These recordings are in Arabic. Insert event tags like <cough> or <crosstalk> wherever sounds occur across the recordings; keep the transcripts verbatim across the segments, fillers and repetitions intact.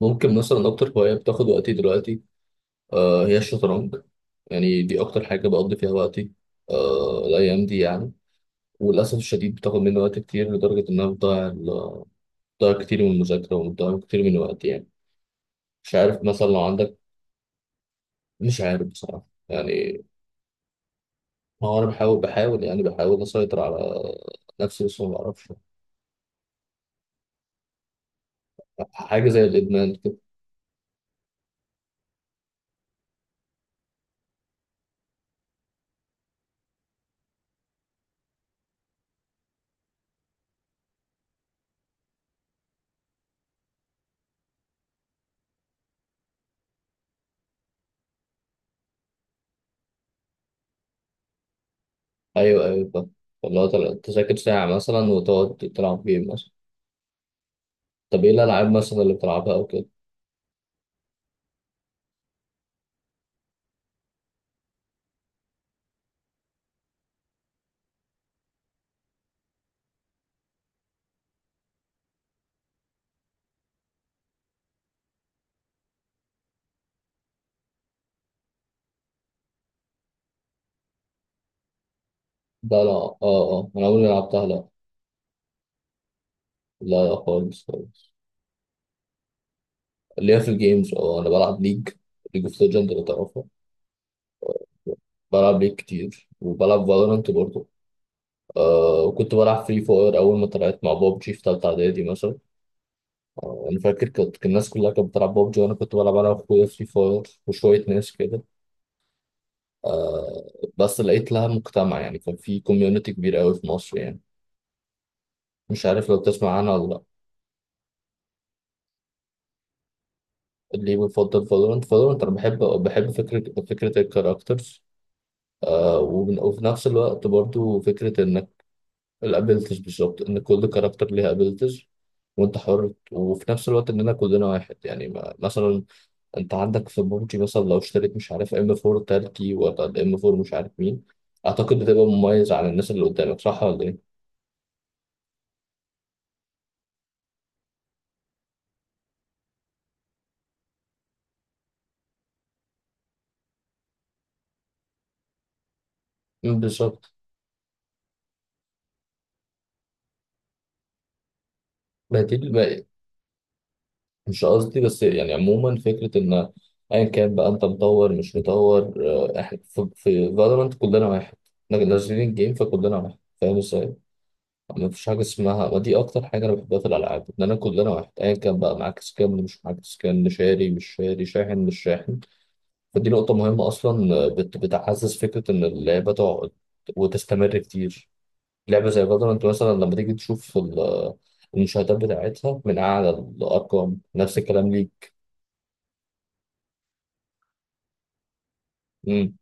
ممكن مثلا أكتر هواية بتاخد وقتي دلوقتي. آه، هي الشطرنج. يعني دي أكتر حاجة بقضي فيها وقتي، آه الأيام دي يعني. وللأسف الشديد بتاخد مني وقت كتير لدرجة إنها بتضيع ال- بتضيع كتير من المذاكرة وبتضيع كتير من وقتي يعني. مش عارف مثلا لو عندك. مش عارف بصراحة يعني. ما هو أنا بحاول بحاول يعني بحاول أسيطر على نفسي، بس ما بعرفش. حاجة زي الإدمان كده. أيوه أيوه فاهم. والله تل- تذاكر ساعة مثلا وتقعد تلعب جيم مثلا. طب إيه الألعاب مثلا اللي بتلعبها أو كده؟ لا لا اه اه، انا عمري ما لعبتها، لا. لا لا خالص خالص. اللي هي في الجيمز، اه انا بلعب ليج، ليج اوف ليجند لو تعرفها. بلعب ليج كتير وبلعب فالورانت برضه. آه، وكنت بلعب فري فاير اول ما طلعت مع بابجي في تالتة اعدادي مثلا. آه انا فاكر كنت، كان الناس كلها كانت بتلعب بابجي وانا كنت بلعب انا واخويا فري فاير وشوية ناس كده، آه. بس لقيت لها مجتمع، يعني كان في كوميونتي كبير قوي في مصر يعني. مش عارف لو تسمع عنها ولا لا. ليه بفضل فالورانت؟ فالورانت انا بحب بحب فكرة فكرة الكاركترز، آه وبن- وفي نفس الوقت برضو فكرة انك. الابيلتيز بالظبط، ان كل كاركتر ليها ابيلتيز، وانت حر، وفي نفس الوقت اننا كلنا واحد يعني. ما مثلا انت عندك في بابجي مثلا، لو اشتريت مش عارف ام إم فور تركي ولا الام إم فور مش عارف مين، اعتقد بتبقى مميز عن الناس اللي قدامك، صح ولا ايه؟ مم، بالظبط. ما دي الب- مش قصدي، بس يعني عموما فكرة ان ايا كان بقى انت مطور مش مطور، آه، احنا في فالورانت كلنا واحد. نازلين الجيم فكلنا واحد، فاهم ازاي؟ ما فيش حاجة اسمها. ودي أكتر حاجة أنا بحبها في الألعاب، إن أنا كلنا واحد، أيا كان بقى معاك سكان اللي مش معاك سكان، شاري مش شاري، شاحن مش شاحن. فدي نقطة مهمة أصلا، بت- بتعزز فكرة إن اللعبة تقعد وتستمر كتير. لعبة زي فالورانت أنت مثلا لما تيجي تشوف ال- المشاهدات بتاعتها من أعلى الأرقام، نفس الكلام ليك. مم.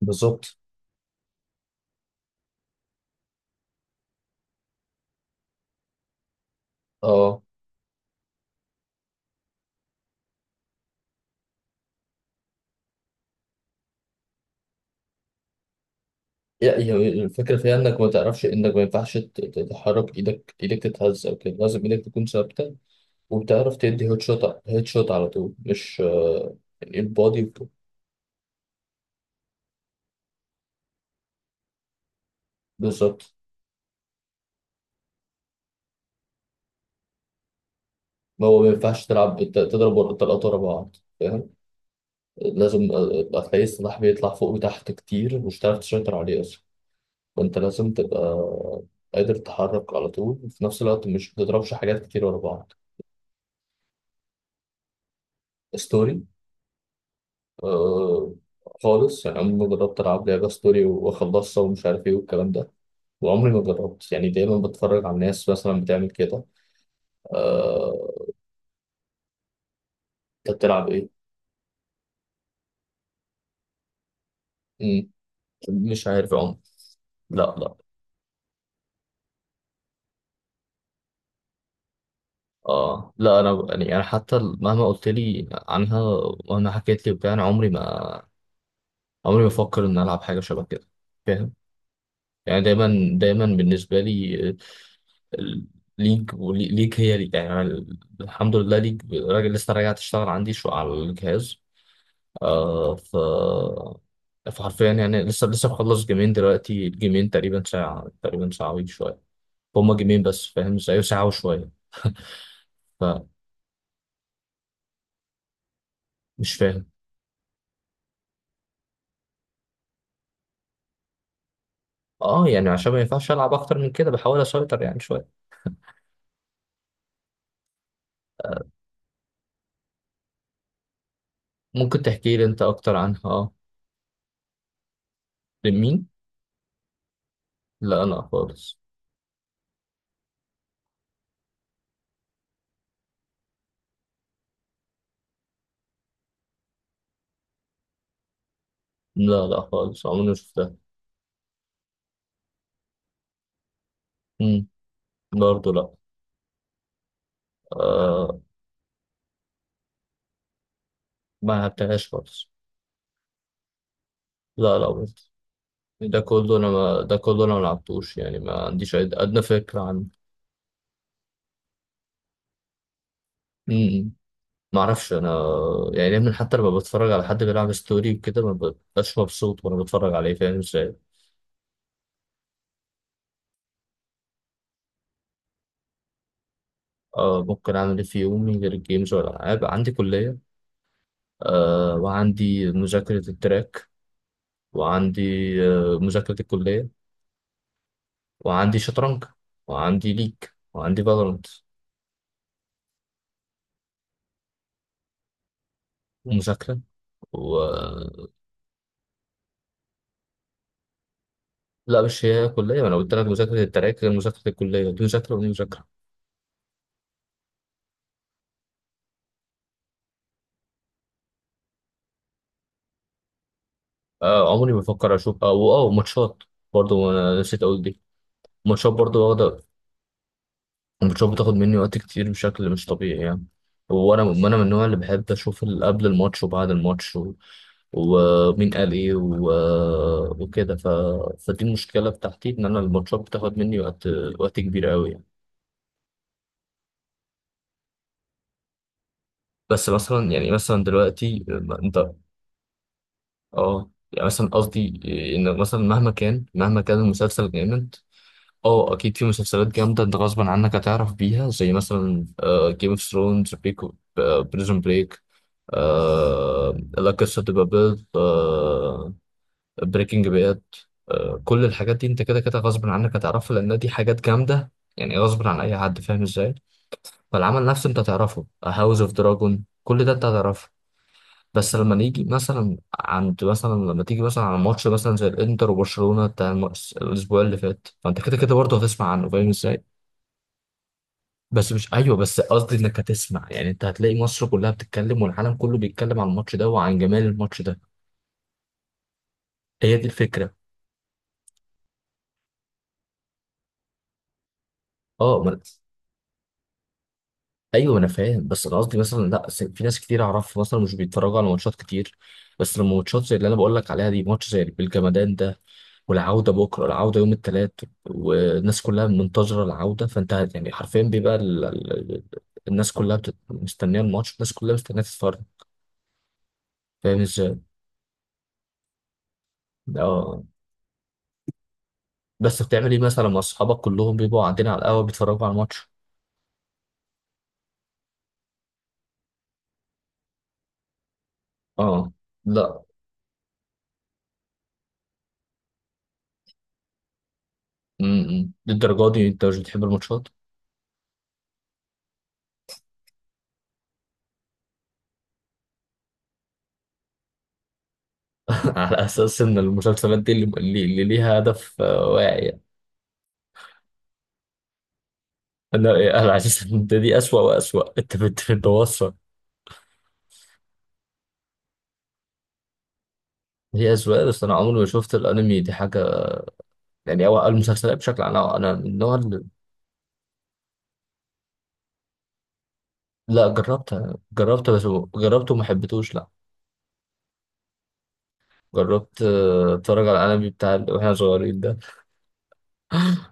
بالظبط. أه، يعني هي، الفكرة فيها إنك ما تعرفش، إنك ما ينفعش ت- تتحرك، إيدك إيدك تتهز أو كده، لازم إيدك تكون ثابتة. وبتعرف تدي هيد شوت، هيد شوت على طول مش آه، يعني البادي. بالظبط. ما هو ما ينفعش تلعب بت- تضرب ورا، التلاتة ورا بعض فاهم. لازم آه، هتلاقي السلاح بيطلع فوق وتحت كتير، مش هتعرف تسيطر عليه أصلا. فأنت لازم تبقى قادر تتحرك على طول، وفي نفس الوقت مش بتضربش حاجات كتير ورا بعض. ستوري. آه. خالص يعني، عمري ما جربت ألعب لعبة ستوري وأخلصها، ومش عارف إيه والكلام ده. وعمري ما جربت، يعني دايما بتفرج على الناس مثلا بتعمل كده، آه، انت بتلعب ايه؟ مم. مش عارف يا عمر. لا لا. اه لا، انا يعني انا حتى مهما قلت لي عنها، مهما حكيت لي وبتاع، انا عمري ما، عمري ما افكر ان العب حاجه شبه كده، فاهم. يعني دايما، دايما بالنسبه لي آه، ال- ليج ولي- ليج هي ليج. يعني أنا ال- الحمد لله ليج راجل، لسه راجع تشتغل عندي شو على الجهاز، آه. ف، فحرفيا يعني لسه لسه مخلص جيمين دلوقتي، الجيمين تقريبا ساعة، تقريبا ساعة وشوية. هما جيمين بس فاهم ازاي؟ ساعة وشوية. مش فاهم. اه يعني عشان ما ينفعش العب اكتر من كده، بحاول اسيطر يعني شويه. آه، ممكن تحكي لي انت اكتر عنها، اه. لمين؟ لا لا خالص. لا لا خالص، عمري ما شفتها. امم. برضه لا. آه، ما لعبتهاش خالص. لا لا برضه. ده كله انا ما ده كله انا ما لعبتوش يعني، ما عنديش أد- ادنى فكره عنه. امم. ما اعرفش انا. يعني دايما حتى لما بتفرج على حد بيلعب ستوري وكده، ما ببقاش مبسوط وانا بتفرج عليه، فاهم ازاي. آه، ممكن اعمل ايه في يومي غير الجيمز والالعاب؟ عندي كليه، آه، وعندي مذاكرة التراك، وعندي، آه، مذاكرة الكلية، وعندي شطرنج، وعندي ليج، وعندي فالورانت، ومذاكرة، و. لا مش هي كلية، ما أنا قلت لك مذاكرة التراك غير مذاكرة الكلية، دي مذاكرة ودي مذاكرة. آه، عمري ما بفكر أشوف أو أو ماتشات. برضه أنا نسيت أقول دي، ماتشات برضه واخدة. الماتشات بتاخد مني وقت كتير بشكل مش طبيعي يعني. وانا انا من النوع اللي بحب اشوف ال- قبل الماتش وبعد الماتش، و... ومين قال ايه، و... وكده. ف... فدي المشكله بتاعتي، ان انا الماتشات بتاخد مني وقت، وقت كبير قوي يعني. بس مثلا، يعني مثلا دلوقتي ما انت، اه يعني مثلا قصدي ان مثلا مهما كان، مهما كان المسلسل جامد. اه اكيد في مسلسلات جامده انت غصبا عنك هتعرف بيها، زي مثلا جيم اوف ثرونز، بريزون بريك. آه، لا قصة تبقى بيض آه. بريكنج باد. آه كل الحاجات دي انت كده كده غصب عنك هتعرفها، لان دي حاجات جامدة يعني، غصب عن اي حد، فاهم ازاي. فالعمل نفسه انت هتعرفه، هاوس اوف دراجون، كل ده انت هتعرفه. بس لما نيجي مثلا عند مثلا، لما تيجي مثلا على ماتش مثلا زي الانتر وبرشلونة بتاع الم- الاسبوع اللي فات، فانت كده كده برضه هتسمع عنه، فاهم ازاي. بس مش، ايوه بس قصدي انك هتسمع، يعني انت هتلاقي مصر كلها بتتكلم والعالم كله بيتكلم عن الماتش ده وعن جمال الماتش ده. هي دي الفكره. اه ما، ايوه انا فاهم، بس انا قصدي مثلا لا س- في ناس كتير اعرفها مثلا مش بيتفرجوا على ماتشات كتير. بس لما ماتشات زي اللي انا بقول لك عليها دي، ماتش زي بالجمدان ده، والعوده بكره، العوده يوم الثلاث، والناس كلها منتظره العوده. فانت يعني حرفيا بيبقى ال، ال، ال-، الناس كلها بتت... مستنيه الماتش، الناس كلها مستنيه تتفرج، فاهم ازاي؟ اه بس بتعمل ايه مثلا مع اصحابك كلهم بيبقوا قاعدين على القهوه بيتفرجوا على الماتش؟ اه لا. م- م. للدرجه دي انت مش بتحب الماتشات. على اساس ان المسلسلات دي اللي, اللي ليها هدف، آه، واعي يعني. انا، آه، انا على اساس ان ده دي اسوأ، واسوأ، انت بت- بتوصل. هي اسوأ، بس انا عمري ما شفت الانمي دي حاجه. يعني او المسلسلات بشكل عام انا، أنا من النوع اللي. لا جربت، جربت بس. جربت وما حبيتهوش، لا. جربت آه، اتفرج على الانمي بتاع اللي واحنا صغيرين ده. <laughs>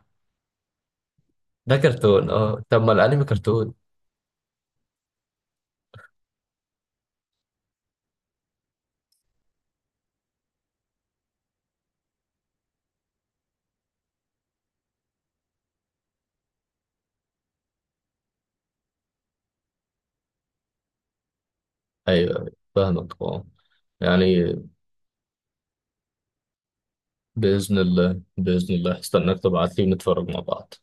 ده كرتون، اه طب ما الانمي كرتون. ايوه أيوة، فاهمك اه. يعني باذن الله باذن الله استناك تبعت لي ونتفرج مع بعض.